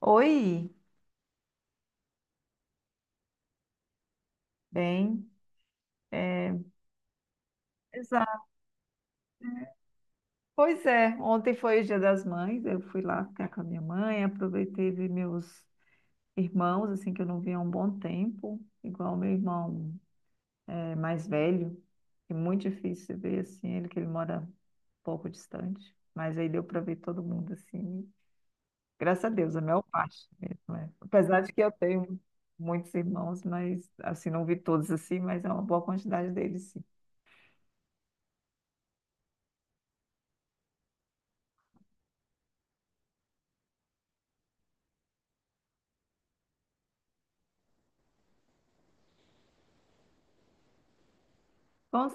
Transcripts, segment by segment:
Oi, bem, exato. Pois é, ontem foi o Dia das Mães, eu fui lá ficar com a minha mãe, aproveitei ver meus irmãos, assim, que eu não via há um bom tempo, igual meu irmão mais velho, que é muito difícil ver, assim, ele que ele mora um pouco distante, mas aí deu para ver todo mundo, assim, graças a Deus, a maior parte mesmo, é. Apesar de que eu tenho muitos irmãos, mas, assim, não vi todos, assim, mas é uma boa quantidade deles, sim. Vamos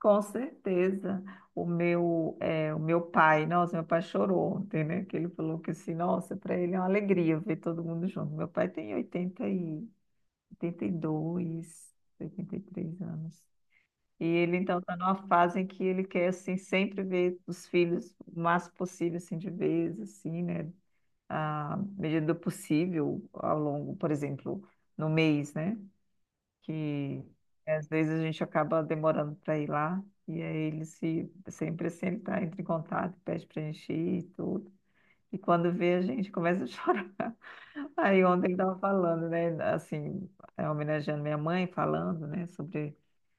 Com certeza. O meu pai, nossa, meu pai chorou ontem, né? Que ele falou que assim, nossa, para ele é uma alegria ver todo mundo junto. Meu pai tem oitenta oitenta e dois, 83 anos. E ele então está numa fase em que ele quer assim sempre ver os filhos o máximo possível assim de vez, assim, né? À medida do possível ao longo, por exemplo, no mês, né, que às vezes a gente acaba demorando para ir lá, e aí ele se, sempre, sempre tá, entra em contato, pede para a gente ir e tudo. E quando vê, a gente começa a chorar. Aí ontem ele estava falando, né, assim, homenageando minha mãe, falando, né, sobre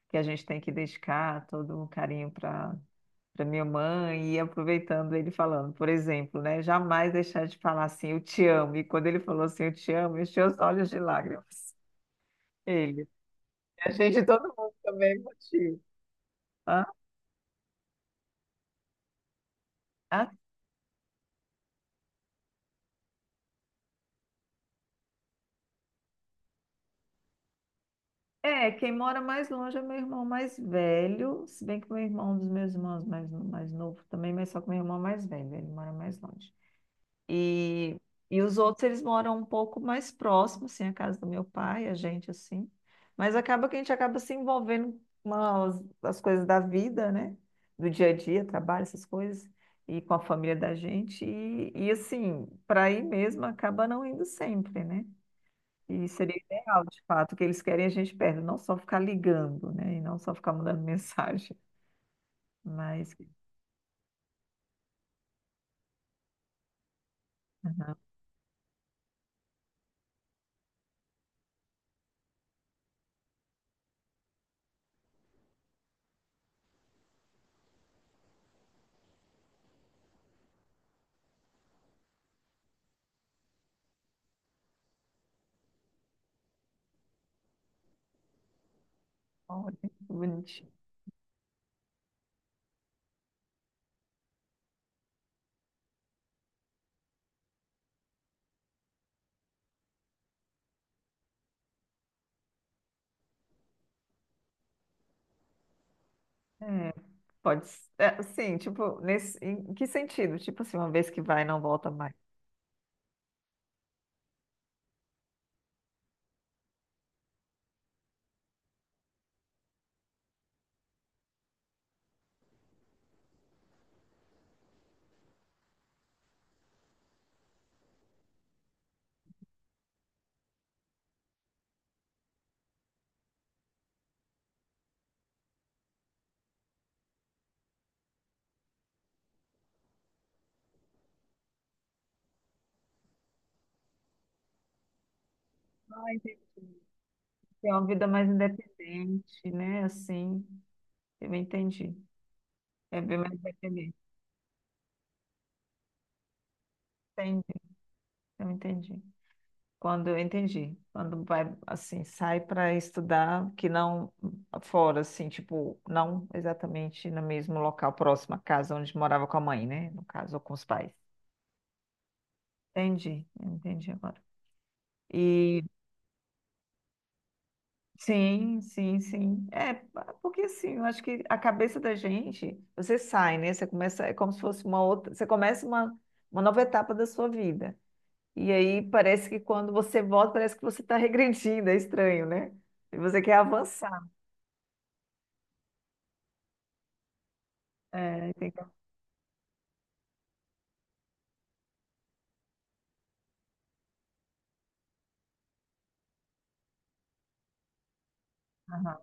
que a gente tem que dedicar todo um carinho para minha mãe, e aproveitando ele falando, por exemplo, né, jamais deixar de falar assim, eu te amo. E quando ele falou assim, eu te amo, eu encheu os olhos de lágrimas. Ele. A gente, todo mundo também é emotivo. Ah, ah, é, quem mora mais longe é meu irmão mais velho, se bem que meu irmão, um dos meus irmãos mais novo também, mas só que meu irmão é mais velho, ele mora mais longe. E, e os outros, eles moram um pouco mais próximos, assim, a casa do meu pai, a gente, assim. Mas acaba que a gente acaba se envolvendo com as coisas da vida, né? Do dia a dia, trabalho, essas coisas, e com a família da gente. E assim, para ir mesmo, acaba não indo sempre, né? E seria ideal, de fato, o que eles querem é a gente perto, não só ficar ligando, né? E não só ficar mandando mensagem. Mas que bom, né? Bonitinho. Pode ser, é, sim, tipo, em que sentido? Tipo assim, uma vez que vai, não volta mais. Ah, entendi. Tem uma vida mais independente, né? Assim, eu entendi. É bem mais independente. Entendi, eu entendi. Quando vai assim, sai para estudar, que não fora, assim, tipo, não exatamente no mesmo local, próximo à casa onde morava com a mãe, né? No caso, ou com os pais. Entendi, entendi agora. E sim, sim, sim. É, porque assim, eu acho que a cabeça da gente, você sai, né? Você começa, é como se fosse uma outra, você começa uma nova etapa da sua vida. E aí parece que quando você volta, parece que você está regredindo, é estranho, né? E você quer avançar. É, tem aham,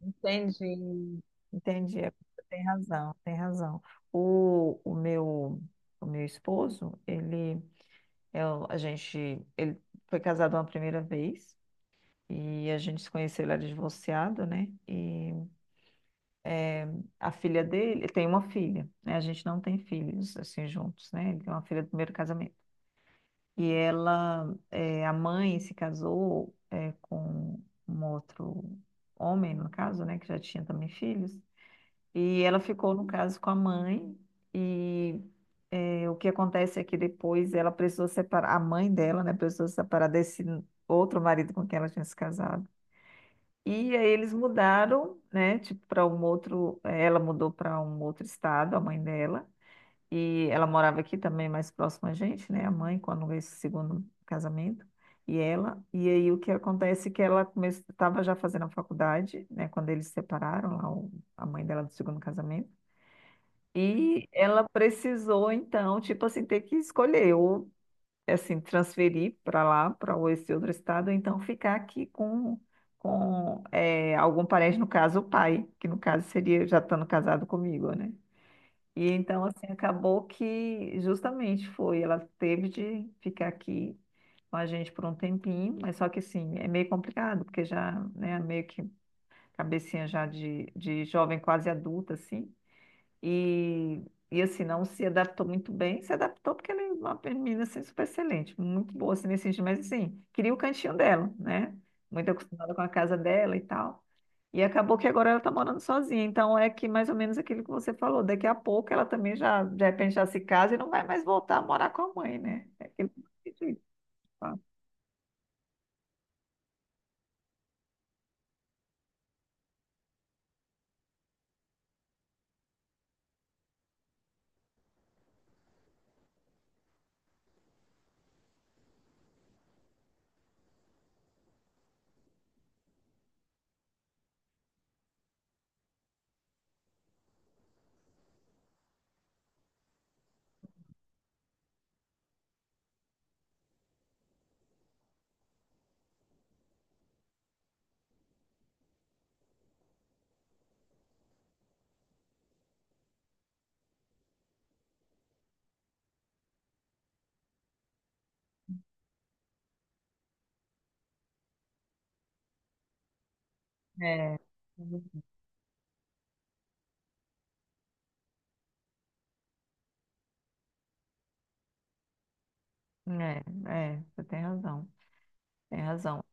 entendi, entendi. É, tem razão, tem razão. O, o meu, o meu esposo, ele, é o- a gente, ele foi casado uma primeira vez e a gente se conheceu, ele era divorciado, né? E a filha dele, tem uma filha, né? A gente não tem filhos assim juntos, né? Ele tem uma filha do primeiro casamento. E ela, a mãe se casou com um outro homem, no caso, né, que já tinha também filhos. E ela ficou, no caso, com a mãe. E o que acontece é que depois ela precisou separar, a mãe dela, né, precisou separar desse outro marido com quem ela tinha se casado. E aí eles mudaram, né, tipo, para um outro, eh, ela mudou para um outro estado, a mãe dela. E ela morava aqui também, mais próxima a gente, né, a mãe, quando esse segundo casamento. E aí o que acontece é que ela estava já fazendo a faculdade, né, quando eles se separaram, lá, a mãe dela do segundo casamento. E ela precisou, então, tipo assim, ter que escolher ou, assim, transferir para lá, para esse outro estado, ou então ficar aqui com, algum parente, no caso, o pai, que no caso seria já estando casado comigo, né? E então, assim, acabou que justamente foi, ela teve de ficar aqui com a gente por um tempinho, mas só que, assim, é meio complicado, porque já, né, meio que cabecinha já de jovem quase adulta, assim, e, e assim, não se adaptou muito bem, se adaptou porque ela é uma menina assim, super excelente, muito boa assim, nesse sentido, mas assim, queria o cantinho dela, né? Muito acostumada com a casa dela e tal. E acabou que agora ela tá morando sozinha, então é que mais ou menos aquilo que você falou, daqui a pouco ela também já, de repente, já se casa e não vai mais voltar a morar com a mãe, né? É aquilo que eu acredito, tá? É, é, é, você tem razão, tem razão.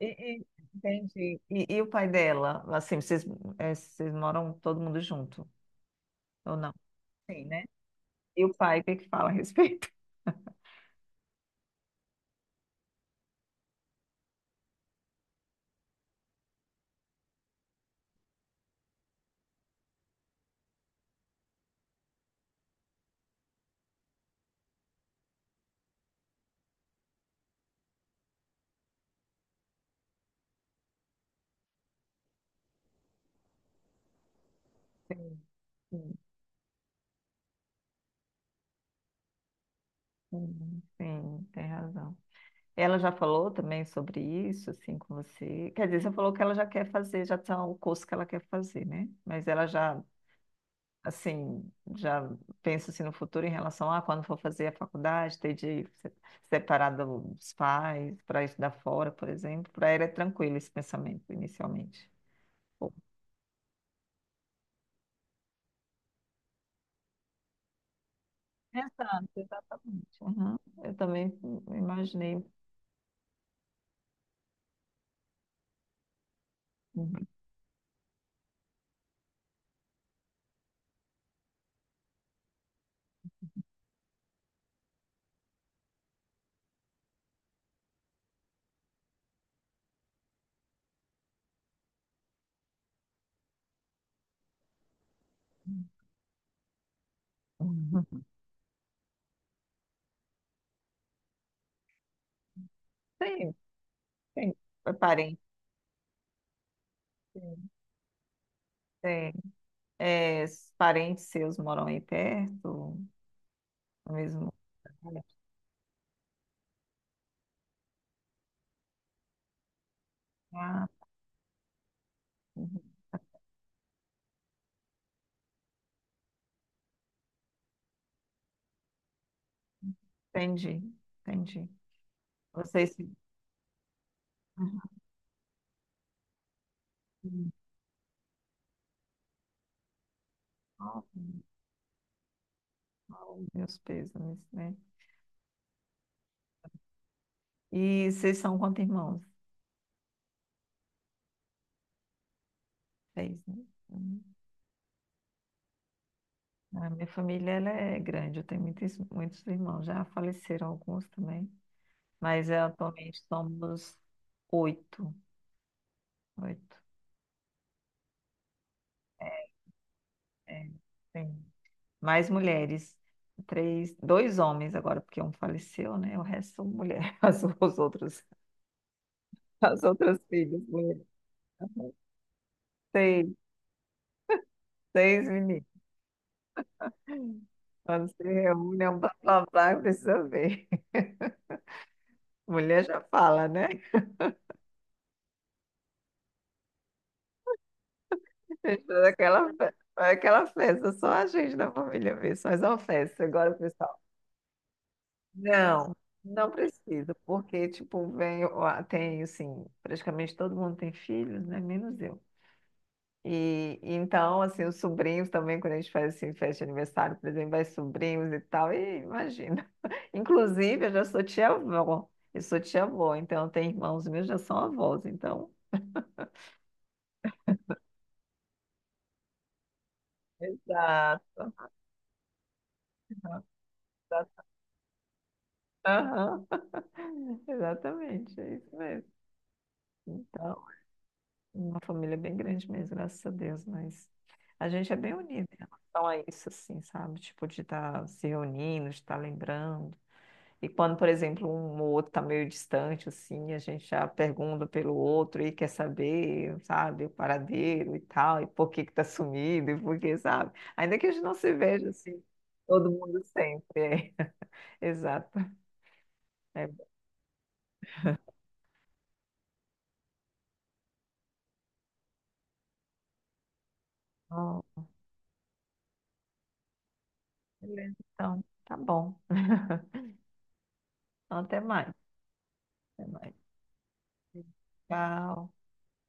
E, e- Entendi. E o pai dela? Assim, vocês moram todo mundo junto, ou não? Sim, né? E o pai, o que é que fala a respeito? Sim, sim, sim, sim, tem razão. Ela já falou também sobre isso, assim, com você? Quer dizer, você falou que ela já quer fazer, já tá o curso que ela quer fazer, né? Mas ela já assim, já penso assim no futuro em relação a quando for fazer a faculdade, ter de separar dos pais para estudar fora, por exemplo, para ela é tranquilo esse pensamento inicialmente. Pô. Exato, exatamente. Uhum. Eu também imaginei. Uhum. Tem, tem parentes, sim sim. É, parentes seus moram aí perto, no mesmo lugar? Ah, uhum. Entendi, entendi. Vocês se... Uhum. Oh, meus pêsames, né? E vocês são quantos irmãos? Seis, né? Hum. A minha família ela é grande, eu tenho muitos, muitos irmãos, já faleceram alguns também, mas é, atualmente somos oito, oito, é, sim. Mais mulheres, três, dois homens agora, porque um faleceu, né? O resto são mulheres, as, os outros, as outras filhas, mulheres. Seis, seis meninas. Quando se reúne, é um blá blá blá, precisa ver. Mulher já fala, né? Fez toda aquela festa, só a gente da família vê, só é uma festa. Agora, pessoal, não, não precisa, porque, tipo, tem, assim, praticamente todo mundo tem filhos, né? Menos eu. E então, assim, os sobrinhos também, quando a gente faz, assim, festa de aniversário, por exemplo, vai sobrinhos e tal, e imagina. Inclusive, eu já sou tia-avó, eu sou tia-avó, então tem irmãos meus já são avós, então... Exato. Aham. Exato. Aham. Exatamente, é isso mesmo. Então, uma família bem grande mesmo, graças a Deus, mas a gente é bem unido em relação a isso, assim, sabe? Tipo, de estar se reunindo, de estar lembrando. E quando, por exemplo, um ou outro está meio distante, assim, a gente já pergunta pelo outro e quer saber, sabe, o paradeiro e tal, e por que que tá sumido, e por que, sabe? Ainda que a gente não se veja, assim, todo mundo sempre, é. Exato. É bom. Beleza, então, tá bom. Então, até mais. Até mais. Tchau.